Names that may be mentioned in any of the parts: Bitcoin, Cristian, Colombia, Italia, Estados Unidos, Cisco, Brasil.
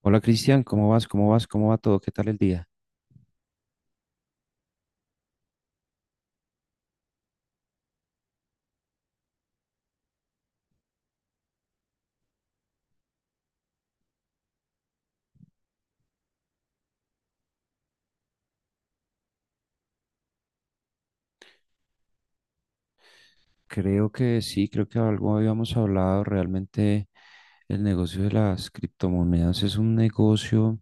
Hola Cristian, ¿cómo vas? ¿Cómo va todo? ¿Qué tal el día? Creo que sí, creo que algo habíamos hablado. Realmente el negocio de las criptomonedas es un negocio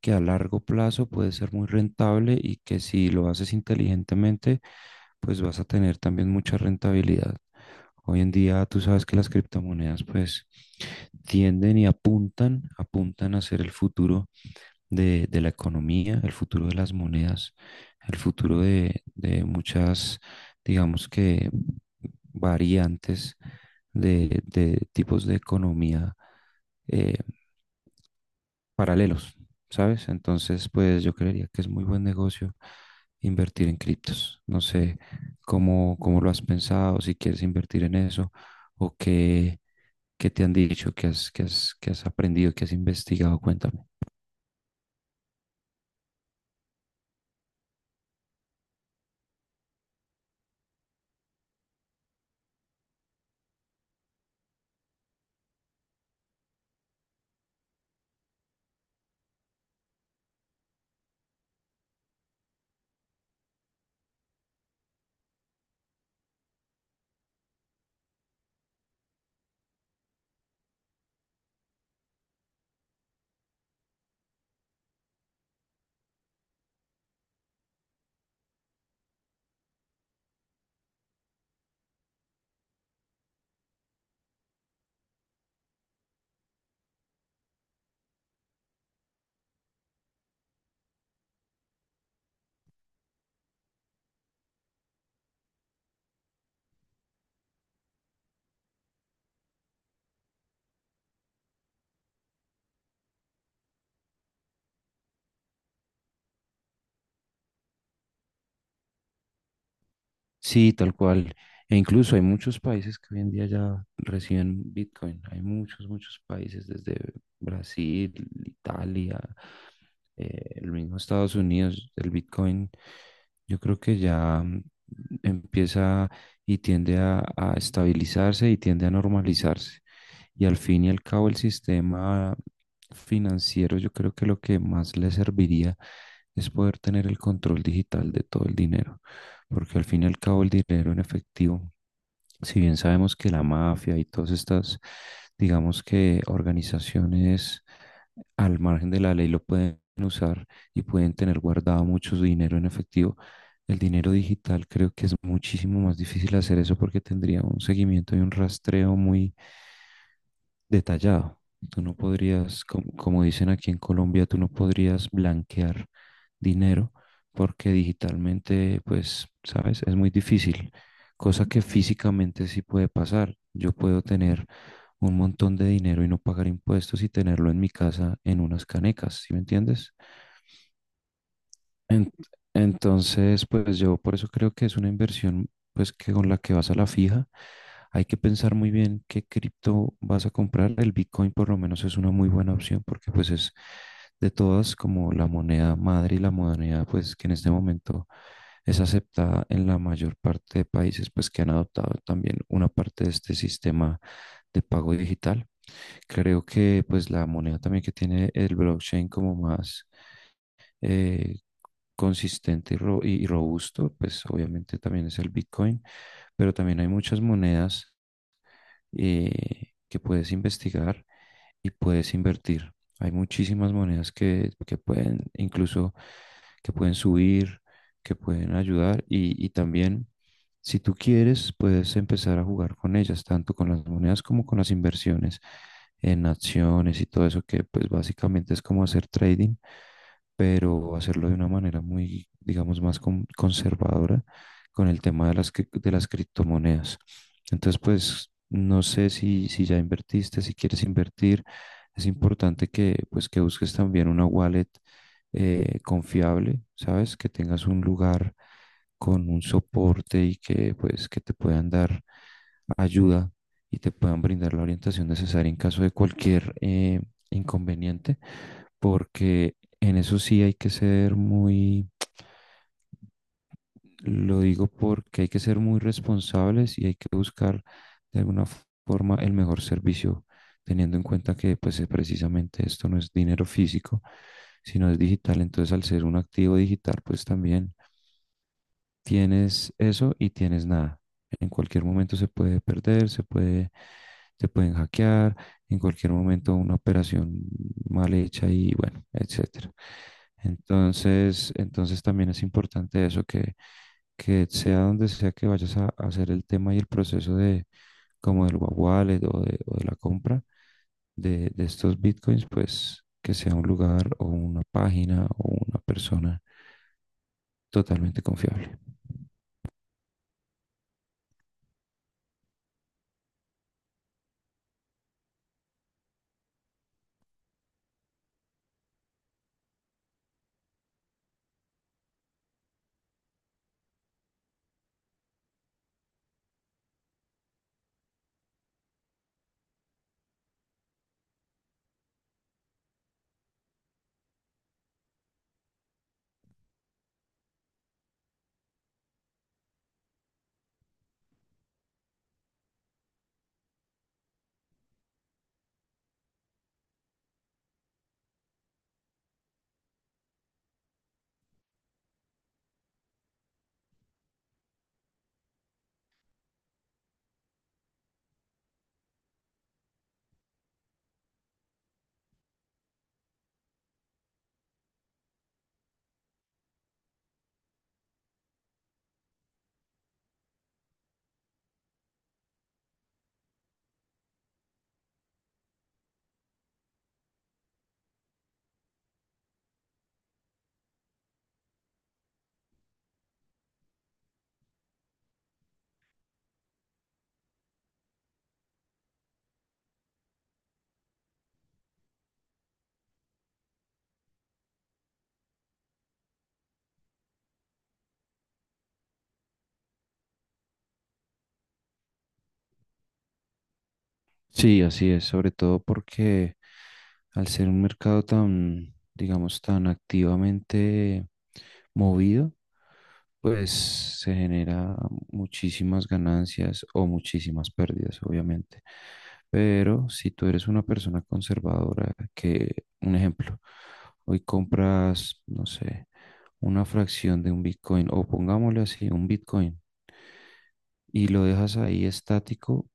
que a largo plazo puede ser muy rentable y que si lo haces inteligentemente, pues vas a tener también mucha rentabilidad. Hoy en día tú sabes que las criptomonedas pues tienden y apuntan a ser el futuro de la economía, el futuro de las monedas, el futuro de muchas, digamos que, variantes de tipos de economía eh, paralelos, ¿sabes? Entonces, pues yo creería que es muy buen negocio invertir en criptos. No sé cómo lo has pensado, si quieres invertir en eso o qué te han dicho, qué has aprendido, qué has investigado, cuéntame. Sí, tal cual. E incluso hay muchos países que hoy en día ya reciben Bitcoin. Hay muchos, muchos países, desde Brasil, Italia, el mismo Estados Unidos, el Bitcoin, yo creo que ya empieza y tiende a estabilizarse y tiende a normalizarse. Y al fin y al cabo el sistema financiero, yo creo que lo que más le serviría es poder tener el control digital de todo el dinero porque al fin y al cabo el dinero en efectivo si bien sabemos que la mafia y todas estas, digamos que organizaciones al margen de la ley lo pueden usar y pueden tener guardado mucho su dinero en efectivo, el dinero digital creo que es muchísimo más difícil hacer eso porque tendría un seguimiento y un rastreo muy detallado. Tú no podrías, dicen aquí en Colombia, tú no podrías blanquear dinero porque digitalmente, pues, sabes, es muy difícil cosa que físicamente sí puede pasar. Yo puedo tener un montón de dinero y no pagar impuestos y tenerlo en mi casa en unas canecas, ¿sí me entiendes? En- entonces, pues yo por eso creo que es una inversión, pues que con la que vas a la fija, hay que pensar muy bien qué cripto vas a comprar. El Bitcoin por lo menos es una muy buena opción porque pues es de todas como la moneda madre y la moneda pues que en este momento es aceptada en la mayor parte de países pues que han adoptado también una parte de este sistema de pago digital. Creo que pues la moneda también que tiene el blockchain como más eh, consistente y robusto, pues obviamente también es el Bitcoin, pero también hay muchas monedas que puedes investigar y puedes invertir. Hay muchísimas monedas que pueden, incluso que pueden subir, que pueden ayudar y también si tú quieres puedes empezar a jugar con ellas, tanto con las monedas como con las inversiones en acciones y todo eso que pues básicamente es como hacer trading pero hacerlo de una manera muy, digamos, más conservadora con el tema de las, de las criptomonedas. Entonces, pues, no sé si ya invertiste, si quieres invertir, es importante que, pues, que busques también una wallet confiable, ¿sabes? Que tengas un lugar con un soporte y que, pues, que te puedan dar ayuda y te puedan brindar la orientación necesaria en caso de cualquier inconveniente, porque en eso sí hay que ser muy, lo digo porque hay que ser muy responsables y hay que buscar de alguna forma el mejor servicio, teniendo en cuenta que pues precisamente esto no es dinero físico, sino es digital. Entonces al ser un activo digital, pues también tienes eso y tienes nada. En cualquier momento se puede perder, se pueden hackear, en cualquier momento una operación mal hecha y bueno, etcétera. Entonces también es importante eso que sea donde sea que vayas a hacer el tema y el proceso de como del wallet o o de la compra de estos bitcoins, pues que sea un lugar o una página o una persona totalmente confiable. Sí, así es, sobre todo porque al ser un mercado tan, digamos, tan activamente movido, pues se genera muchísimas ganancias o muchísimas pérdidas, obviamente. Pero si tú eres una persona conservadora, que, un ejemplo, hoy compras, no sé, una fracción de un Bitcoin, o pongámosle así, un Bitcoin, y lo dejas ahí estático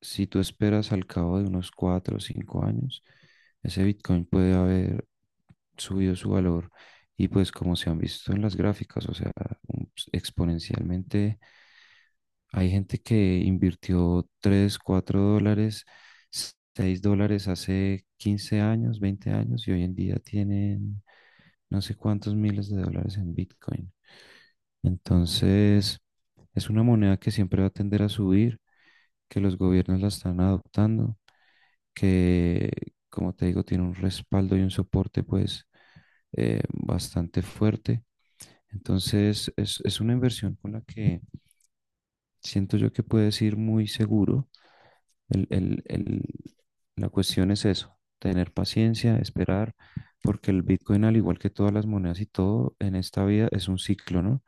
si tú esperas al cabo de unos 4 o 5 años, ese Bitcoin puede haber subido su valor y pues como se han visto en las gráficas, o sea, pues, exponencialmente hay gente que invirtió 3 4 dólares, $6 hace 15 años, 20 años y hoy en día tienen no sé cuántos miles de dólares en Bitcoin. Entonces, es una moneda que siempre va a tender a subir, que los gobiernos la están adoptando que, como te digo, tiene un respaldo y un soporte pues bastante fuerte. Entonces es una inversión con la que siento yo que puedes ir muy seguro. El- el- el- la cuestión es eso, tener paciencia, esperar, porque el Bitcoin, al igual que todas las monedas y todo en esta vida, es un ciclo, ¿no?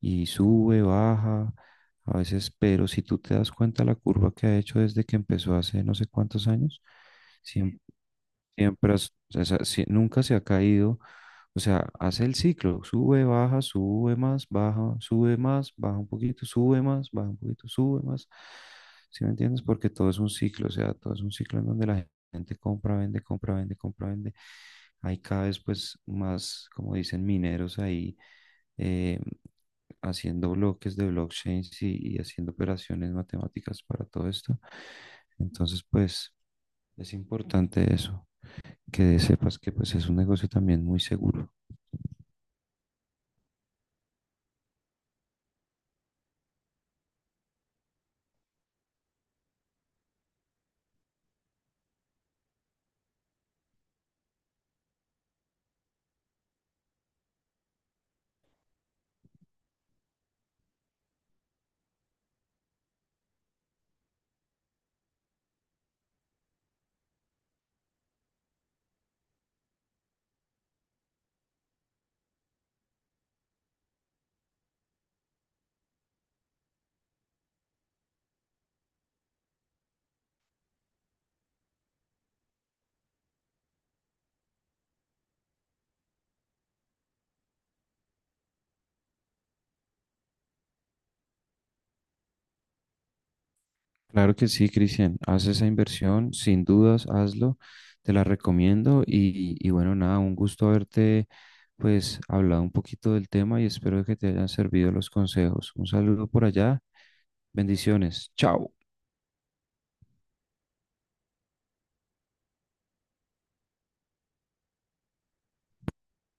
Y sube, baja, a veces, pero si tú te das cuenta la curva que ha hecho desde que empezó hace no sé cuántos años, siempre, o sea, nunca se ha caído. O sea, hace el ciclo, sube, baja, sube más, baja, sube más, baja un poquito, sube más, baja un poquito, sube más. ¿Sí me entiendes? Porque todo es un ciclo, o sea, todo es un ciclo en donde la gente compra, vende, compra, vende, compra, vende. Hay cada vez pues más, como dicen, mineros ahí eh, haciendo bloques de blockchains y haciendo operaciones matemáticas para todo esto. Entonces, pues es importante eso que sepas que pues es un negocio también muy seguro. Claro que sí, Cristian, haz esa inversión, sin dudas, hazlo, te la recomiendo y bueno, nada, un gusto haberte pues hablado un poquito del tema y espero que te hayan servido los consejos. Un saludo por allá, bendiciones, chao.